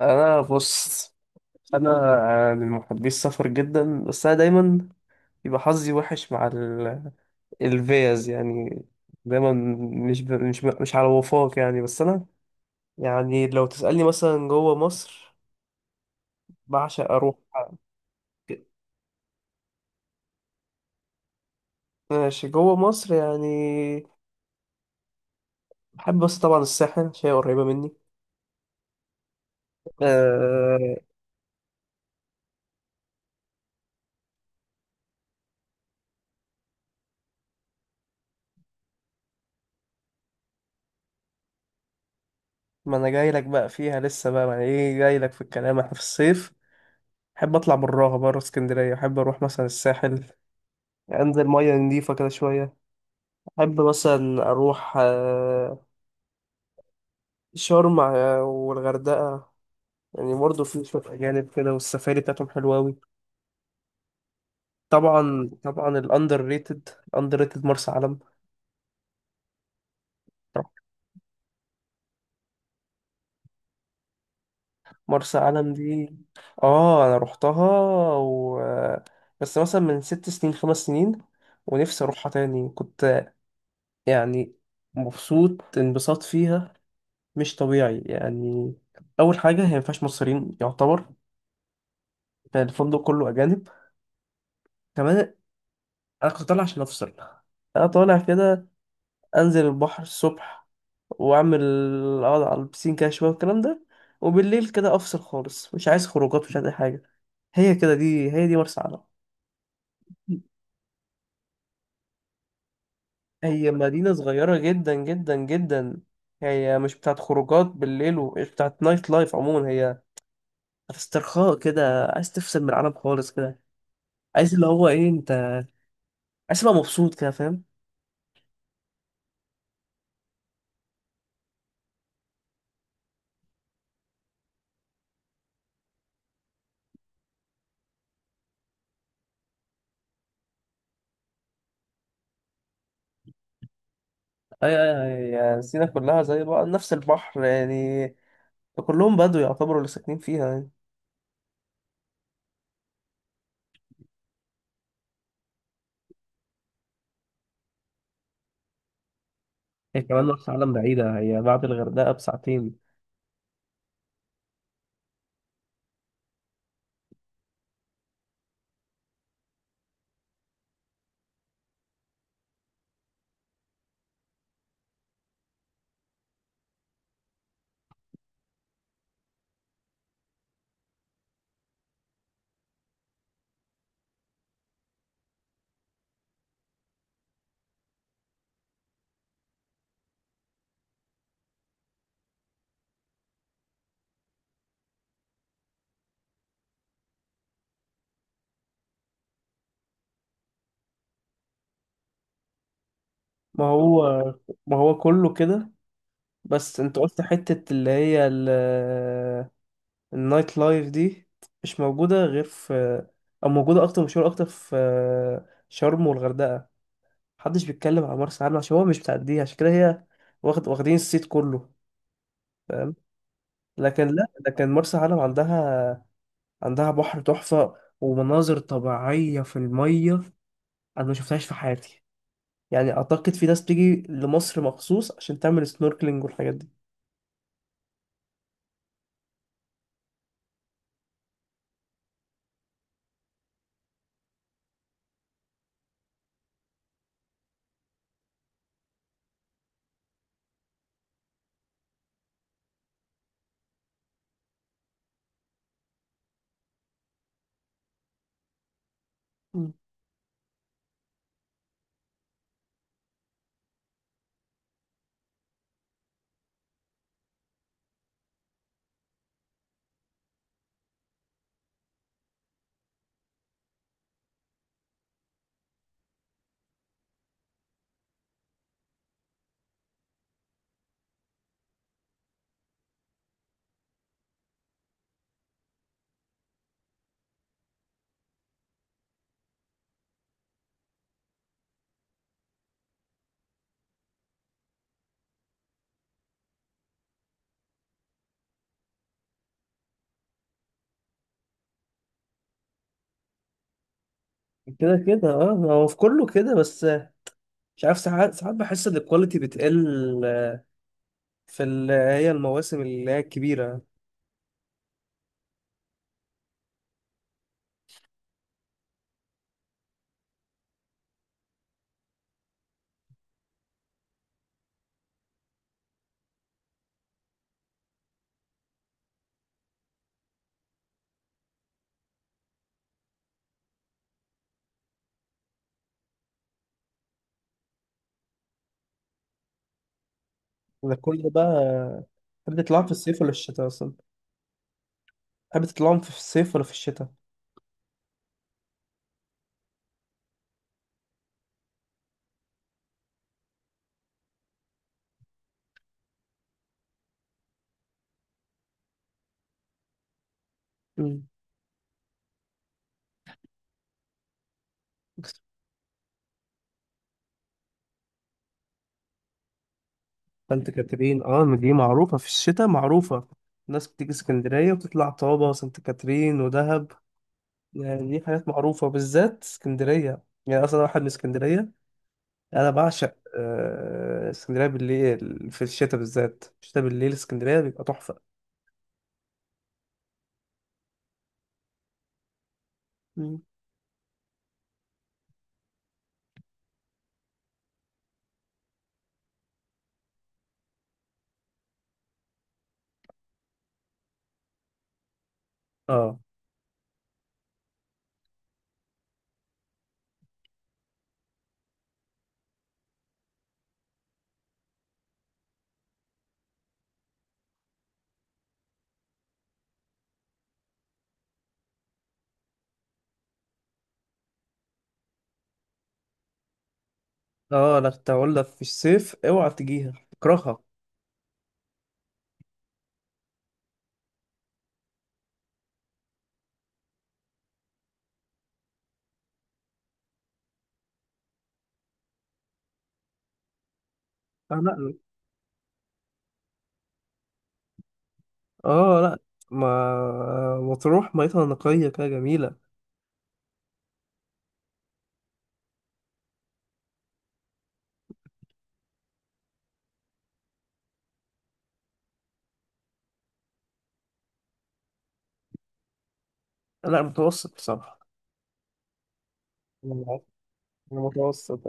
انا بص. انا من محبي السفر جدا، بس انا دايما يبقى حظي وحش مع الفيز يعني. دايما مش على وفاق يعني. بس انا يعني لو تسألني مثلا جوه مصر، بعشق اروح. ماشي، جوه مصر يعني بحب، بس طبعا الساحل عشان هي قريبة مني. أه... ما انا جاي لك بقى فيها لسه بقى، يعني ايه جاي لك في الكلام؟ احنا في الصيف بحب اطلع براها، بره اسكندرية. بحب اروح مثلا الساحل، انزل ميه نضيفه كده شويه. احب مثلا اروح شرم والغردقه. يعني برضه في شويه اجانب كده، والسفاري بتاعتهم حلوه قوي. طبعا طبعا الاندر ريتد، اندر ريتد مرسى علم. مرسى علم دي، اه انا روحتها و... بس مثلا من 6 سنين، 5 سنين، ونفسي اروحها تاني. كنت يعني مبسوط، انبساط فيها مش طبيعي يعني. اول حاجه هي مفيهاش مصريين يعتبر، يعني الفندق كله اجانب. كمان انا كنت طالع عشان افصل. انا طالع كده، انزل البحر الصبح، واعمل اقعد على البسين كده شويه والكلام ده. وبالليل كده افصل خالص، مش عايز خروجات، مش عايز اي حاجه. هي كده، دي هي دي مرسى علم. هي مدينه صغيره جدا جدا جدا. هي مش بتاعت خروجات بالليل، ومش بتاعت نايت لايف عموما. هي بتاعت استرخاء كده، عايز تفصل من العالم خالص كده. عايز اللي هو ايه انت، عايز تبقى مبسوط كده، فاهم. اي اي. يعني سينا كلها زي بعض، نفس البحر يعني. فكلهم بدو يعتبروا اللي ساكنين فيها يعني. هي كمان مرسى علم بعيدة، هي بعد الغردقة بساعتين. ما هو ما هو كله كده. بس انت قلت حتة اللي هي النايت لايف دي مش موجودة غير في، او موجودة اكتر، مشهورة اكتر في شرم والغردقة. محدش بيتكلم على مرسى علم عشان هو مش بتعديها، عشان كده هي واخدين الصيت كله، فاهم. لكن لا، لكن مرسى علم عندها، عندها بحر تحفة ومناظر طبيعية في المية انا ما شفتهاش في حياتي. يعني اعتقد في ناس بتيجي لمصر مخصوص عشان تعمل سنوركلينج والحاجات دي. مم. كده كده اه، ما هو في كله كده، بس مش عارف ساعات ساعات بحس ان الكواليتي بتقل في اللي هي المواسم اللي هي الكبيرة. ده كل ده بقى. تحب تطلعهم في الصيف ولا الشتاء اصلا؟ تحب تطلعهم في الصيف ولا في الشتاء؟ مم. فانت كاترين، اه ما دي معروفة في الشتاء، معروفة. الناس بتيجي اسكندرية وبتطلع طابة وسانت كاترين ودهب. يعني دي حاجات معروفة، بالذات اسكندرية يعني، أصلا أنا واحد من اسكندرية. أنا بعشق اسكندرية بالليل في الشتاء، بالذات الشتاء بالليل اسكندرية بيبقى تحفة. مم. اه اه، لا كنت هقول لك في الصيف اوعى تجيها اكرهها. اه لا. اه لا. ما مطروح ميتها نقية كده جميلة. لا متوسط بصراحة. انا متوسط.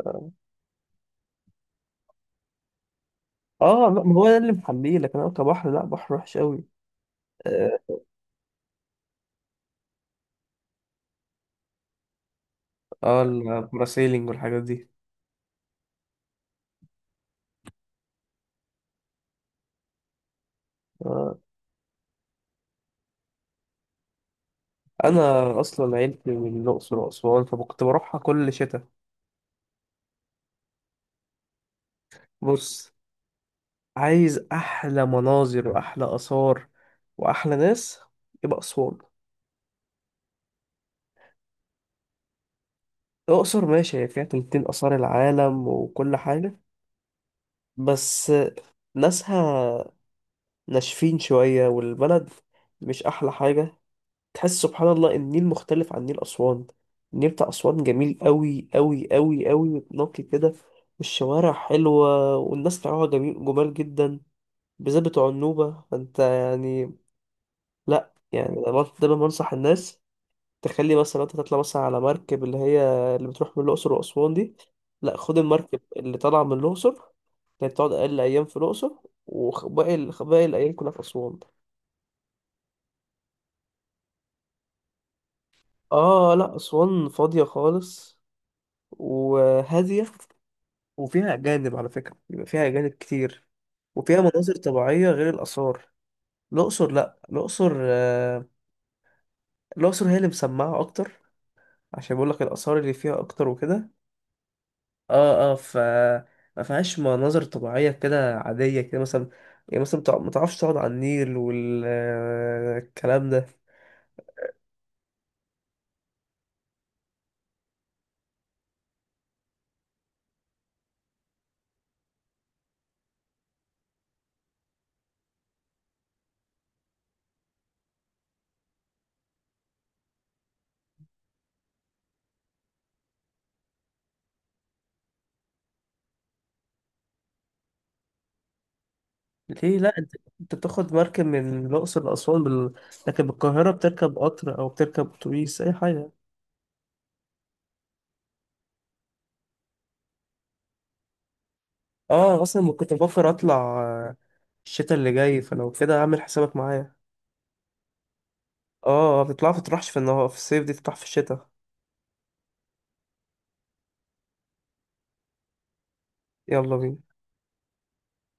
اه لا، ما هو ده اللي محميه، لكن انا كبحر لا، بحر وحش قوي. اه الباراسيلينج والحاجات دي. انا اصلا عيلتي من الاقصر واسوان، فكنت بروحها كل شتاء. بص، عايز احلى مناظر واحلى اثار واحلى ناس، يبقى اسوان. الاقصر ماشي، هي فيها تلتين اثار العالم وكل حاجه، بس ناسها ناشفين شويه، والبلد مش احلى حاجه. تحس سبحان الله ان النيل مختلف عن نيل اسوان. النيل بتاع اسوان جميل قوي قوي قوي قوي، نقي كده. والشوارع حلوه، والناس بتاعها جميل، جمال جدا، بالذات بتوع النوبة. فانت يعني لا، يعني أنا دايما بنصح الناس تخلي مثلا لو انت تطلع مثلا على مركب اللي هي اللي بتروح من الأقصر وأسوان دي، لا خد المركب اللي طالعة من الأقصر اللي بتقعد أقل أيام في الأقصر، وباقي الأيام كلها في أسوان. اه لا أسوان فاضية خالص، وهادية، وفيها أجانب على فكرة، بيبقى فيها أجانب كتير. وفيها مناظر طبيعية غير الآثار. الأقصر لا، الأقصر الأقصر هي اللي مسمعة أكتر، عشان بقول لك الآثار اللي فيها أكتر وكده. اه اه ما فيهاش مناظر طبيعية كده عادية كده مثلا، يعني مثلا ما تعرفش تقعد على النيل والكلام ده. ليه؟ لا، انت بتاخد مركب من الأقصر لأسوان لكن بالقاهرة بتركب قطر أو بتركب أتوبيس أي حاجة. اه، أصلا ما كنت بفكر أطلع آه، الشتاء اللي جاي، فلو كده أعمل حسابك معايا. اه بتطلع، ما تطرحش في النهار، في الصيف دي تطرح في الشتاء. يلا بينا.